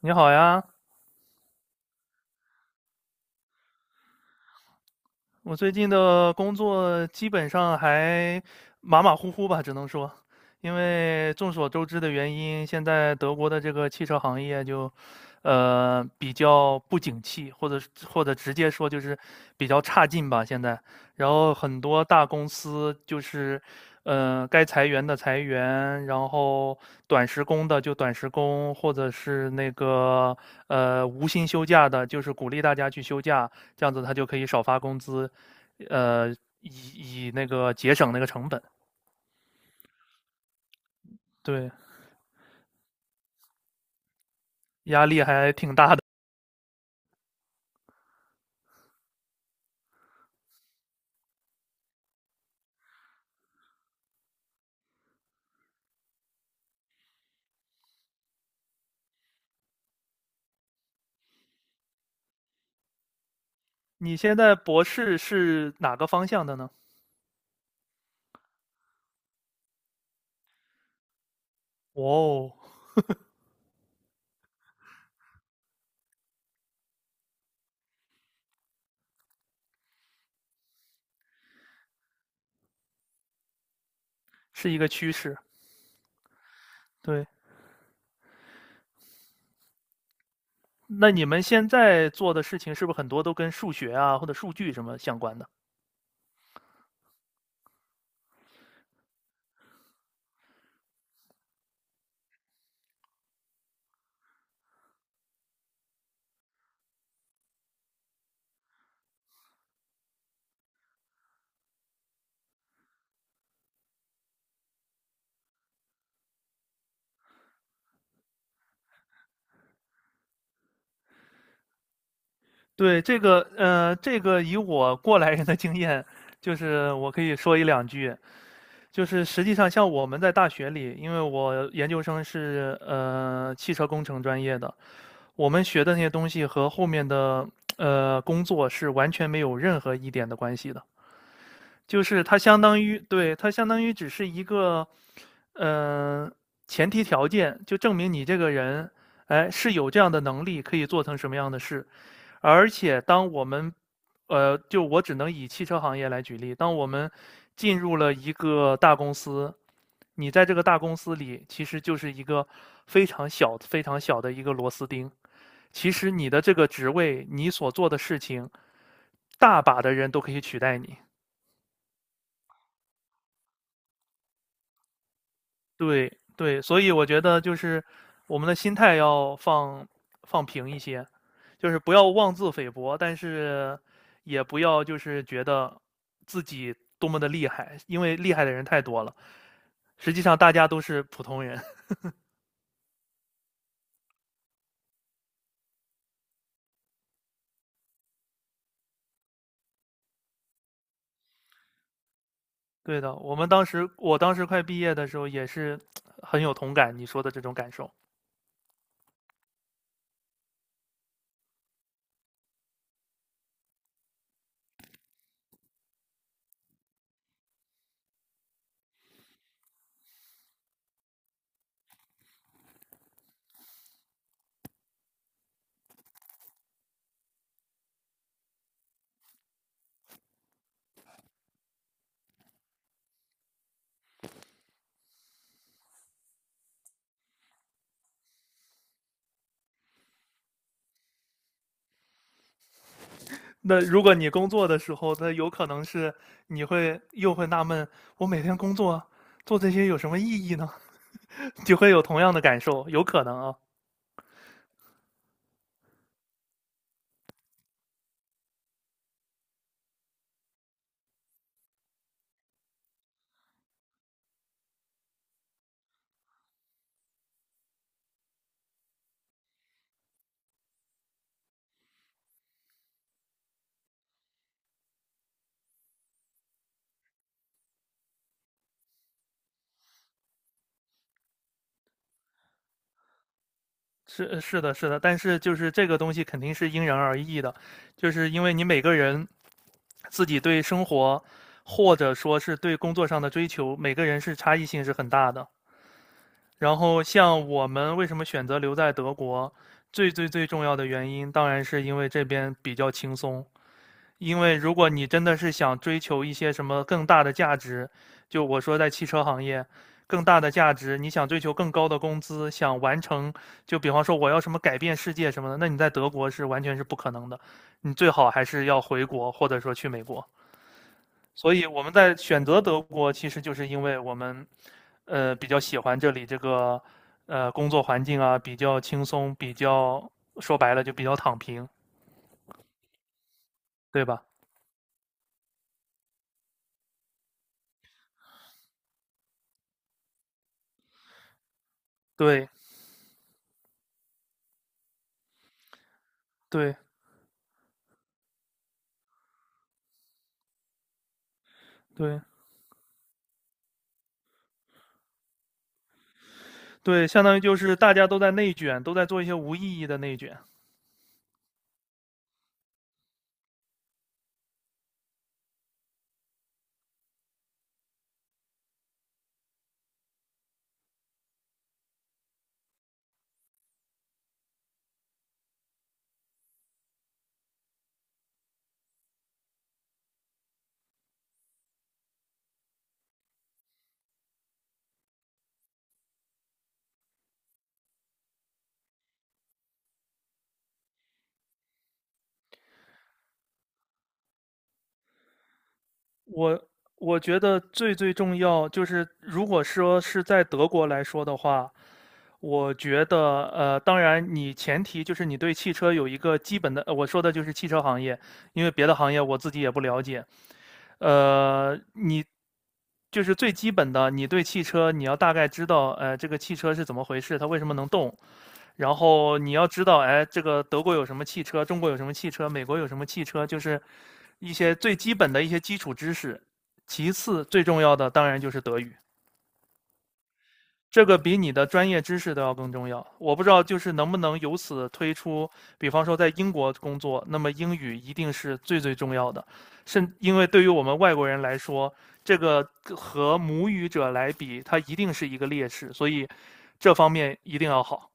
你好呀，我最近的工作基本上还马马虎虎吧，只能说，因为众所周知的原因，现在德国的这个汽车行业就，比较不景气，或者直接说就是比较差劲吧，现在。然后很多大公司就是，该裁员的裁员，然后短时工的就短时工，或者是那个无薪休假的，就是鼓励大家去休假，这样子他就可以少发工资，呃，以那个节省那个成本。对，压力还挺大的。你现在博士是哪个方向的呢？哦，是一个趋势。对，那你们现在做的事情是不是很多都跟数学啊或者数据什么相关的？对，这个以我过来人的经验，就是我可以说一两句。就是实际上，像我们在大学里，因为我研究生是汽车工程专业的，我们学的那些东西和后面的工作是完全没有任何一点的关系的。就是它相当于，对，它相当于只是一个，呃，前提条件，就证明你这个人，哎，是有这样的能力，可以做成什么样的事。而且当我们，就我只能以汽车行业来举例，当我们进入了一个大公司，你在这个大公司里其实就是一个非常小、非常小的一个螺丝钉。其实你的这个职位，你所做的事情，大把的人都可以取代你。对对，所以我觉得就是我们的心态要放平一些，就是不要妄自菲薄，但是也不要就是觉得自己多么的厉害，因为厉害的人太多了。实际上大家都是普通人。对的，我当时快毕业的时候也是很有同感你说的这种感受。那如果你工作的时候，那有可能是你会又会纳闷，我每天工作做这些有什么意义呢？就会有同样的感受，有可能啊，是是的，是的，但是就是这个东西肯定是因人而异的，就是因为你每个人自己对生活或者说是对工作上的追求，每个人是差异性是很大的。然后像我们为什么选择留在德国，最最最重要的原因当然是因为这边比较轻松，因为如果你真的是想追求一些什么更大的价值，就我说在汽车行业，更大的价值，你想追求更高的工资，想完成，就比方说我要什么改变世界什么的，那你在德国是完全是不可能的，你最好还是要回国或者说去美国。所以我们在选择德国，其实就是因为我们，比较喜欢这里这个，工作环境啊，比较轻松，比较说白了就比较躺平，对吧？对对对。对，相当于就是大家都在内卷，都在做一些无意义的内卷。我我觉得最最重要就是，如果说是在德国来说的话，我觉得当然你前提就是你对汽车有一个基本的，我说的就是汽车行业，因为别的行业我自己也不了解。你就是最基本的，你对汽车你要大概知道，这个汽车是怎么回事，它为什么能动，然后你要知道，哎，这个德国有什么汽车，中国有什么汽车，美国有什么汽车，就是一些最基本的一些基础知识。其次，最重要的当然就是德语。这个比你的专业知识都要更重要。我不知道，就是能不能由此推出，比方说在英国工作，那么英语一定是最最重要的，因为对于我们外国人来说，这个和母语者来比，他一定是一个劣势，所以这方面一定要好。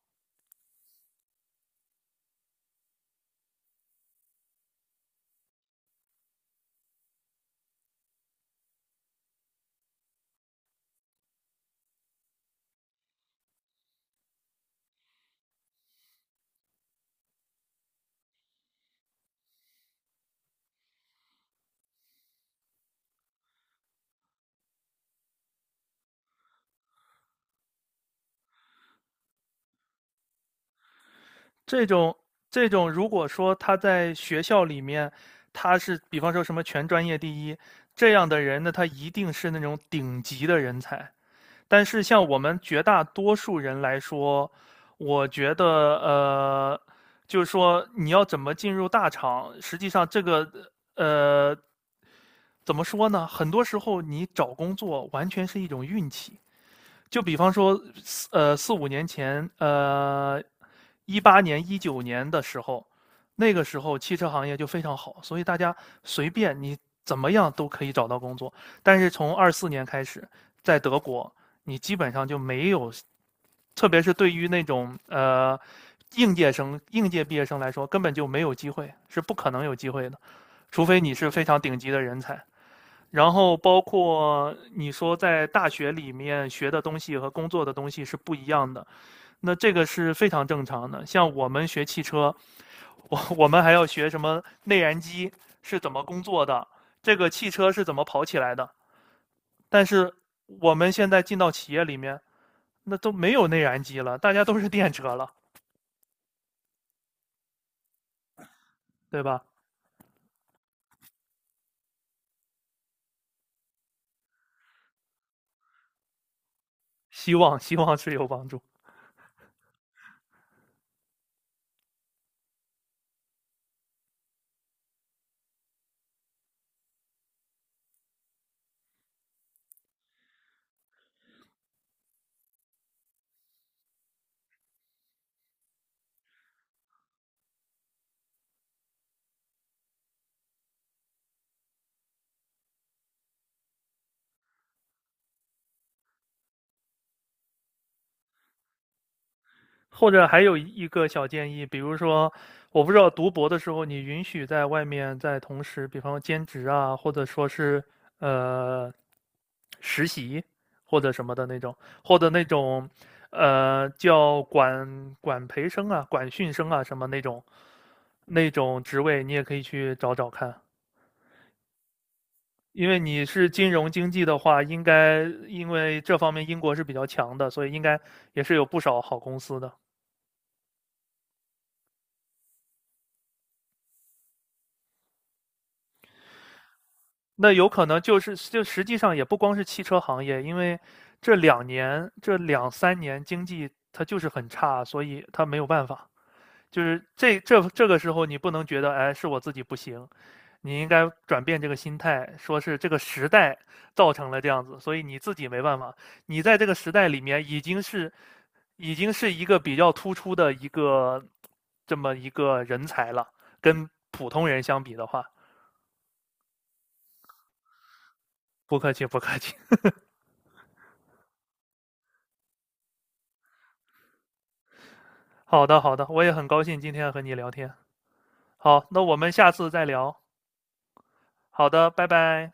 这种这种，如果说他在学校里面，他是比方说什么全专业第一这样的人呢，他一定是那种顶级的人才。但是像我们绝大多数人来说，我觉得呃，就是说你要怎么进入大厂，实际上这个呃，怎么说呢？很多时候你找工作完全是一种运气。就比方说4、5年前，2018、2019年的时候，那个时候汽车行业就非常好，所以大家随便你怎么样都可以找到工作。但是从24年开始，在德国，你基本上就没有，特别是对于那种应届生、应届毕业生来说，根本就没有机会，是不可能有机会的，除非你是非常顶级的人才。然后包括你说在大学里面学的东西和工作的东西是不一样的，那这个是非常正常的。像我们学汽车，我们还要学什么内燃机是怎么工作的，这个汽车是怎么跑起来的。但是我们现在进到企业里面，那都没有内燃机了，大家都是电车了，对吧？希望希望是有帮助。或者还有一个小建议，比如说，我不知道读博的时候，你允许在外面在同时，比方说兼职啊，或者说是呃实习或者什么的那种，或者那种叫管培生啊、管训生啊什么那种职位，你也可以去找找看。因为你是金融经济的话，应该因为这方面英国是比较强的，所以应该也是有不少好公司的。那有可能就是就实际上也不光是汽车行业，因为这2年这2、3年经济它就是很差，所以它没有办法。就是这这个时候你不能觉得哎是我自己不行，你应该转变这个心态，说是这个时代造成了这样子，所以你自己没办法。你在这个时代里面已经是一个比较突出的一个这么一个人才了，跟普通人相比的话，不客气不客气。好的，好的，我也很高兴今天和你聊天。好，那我们下次再聊。好的，拜拜。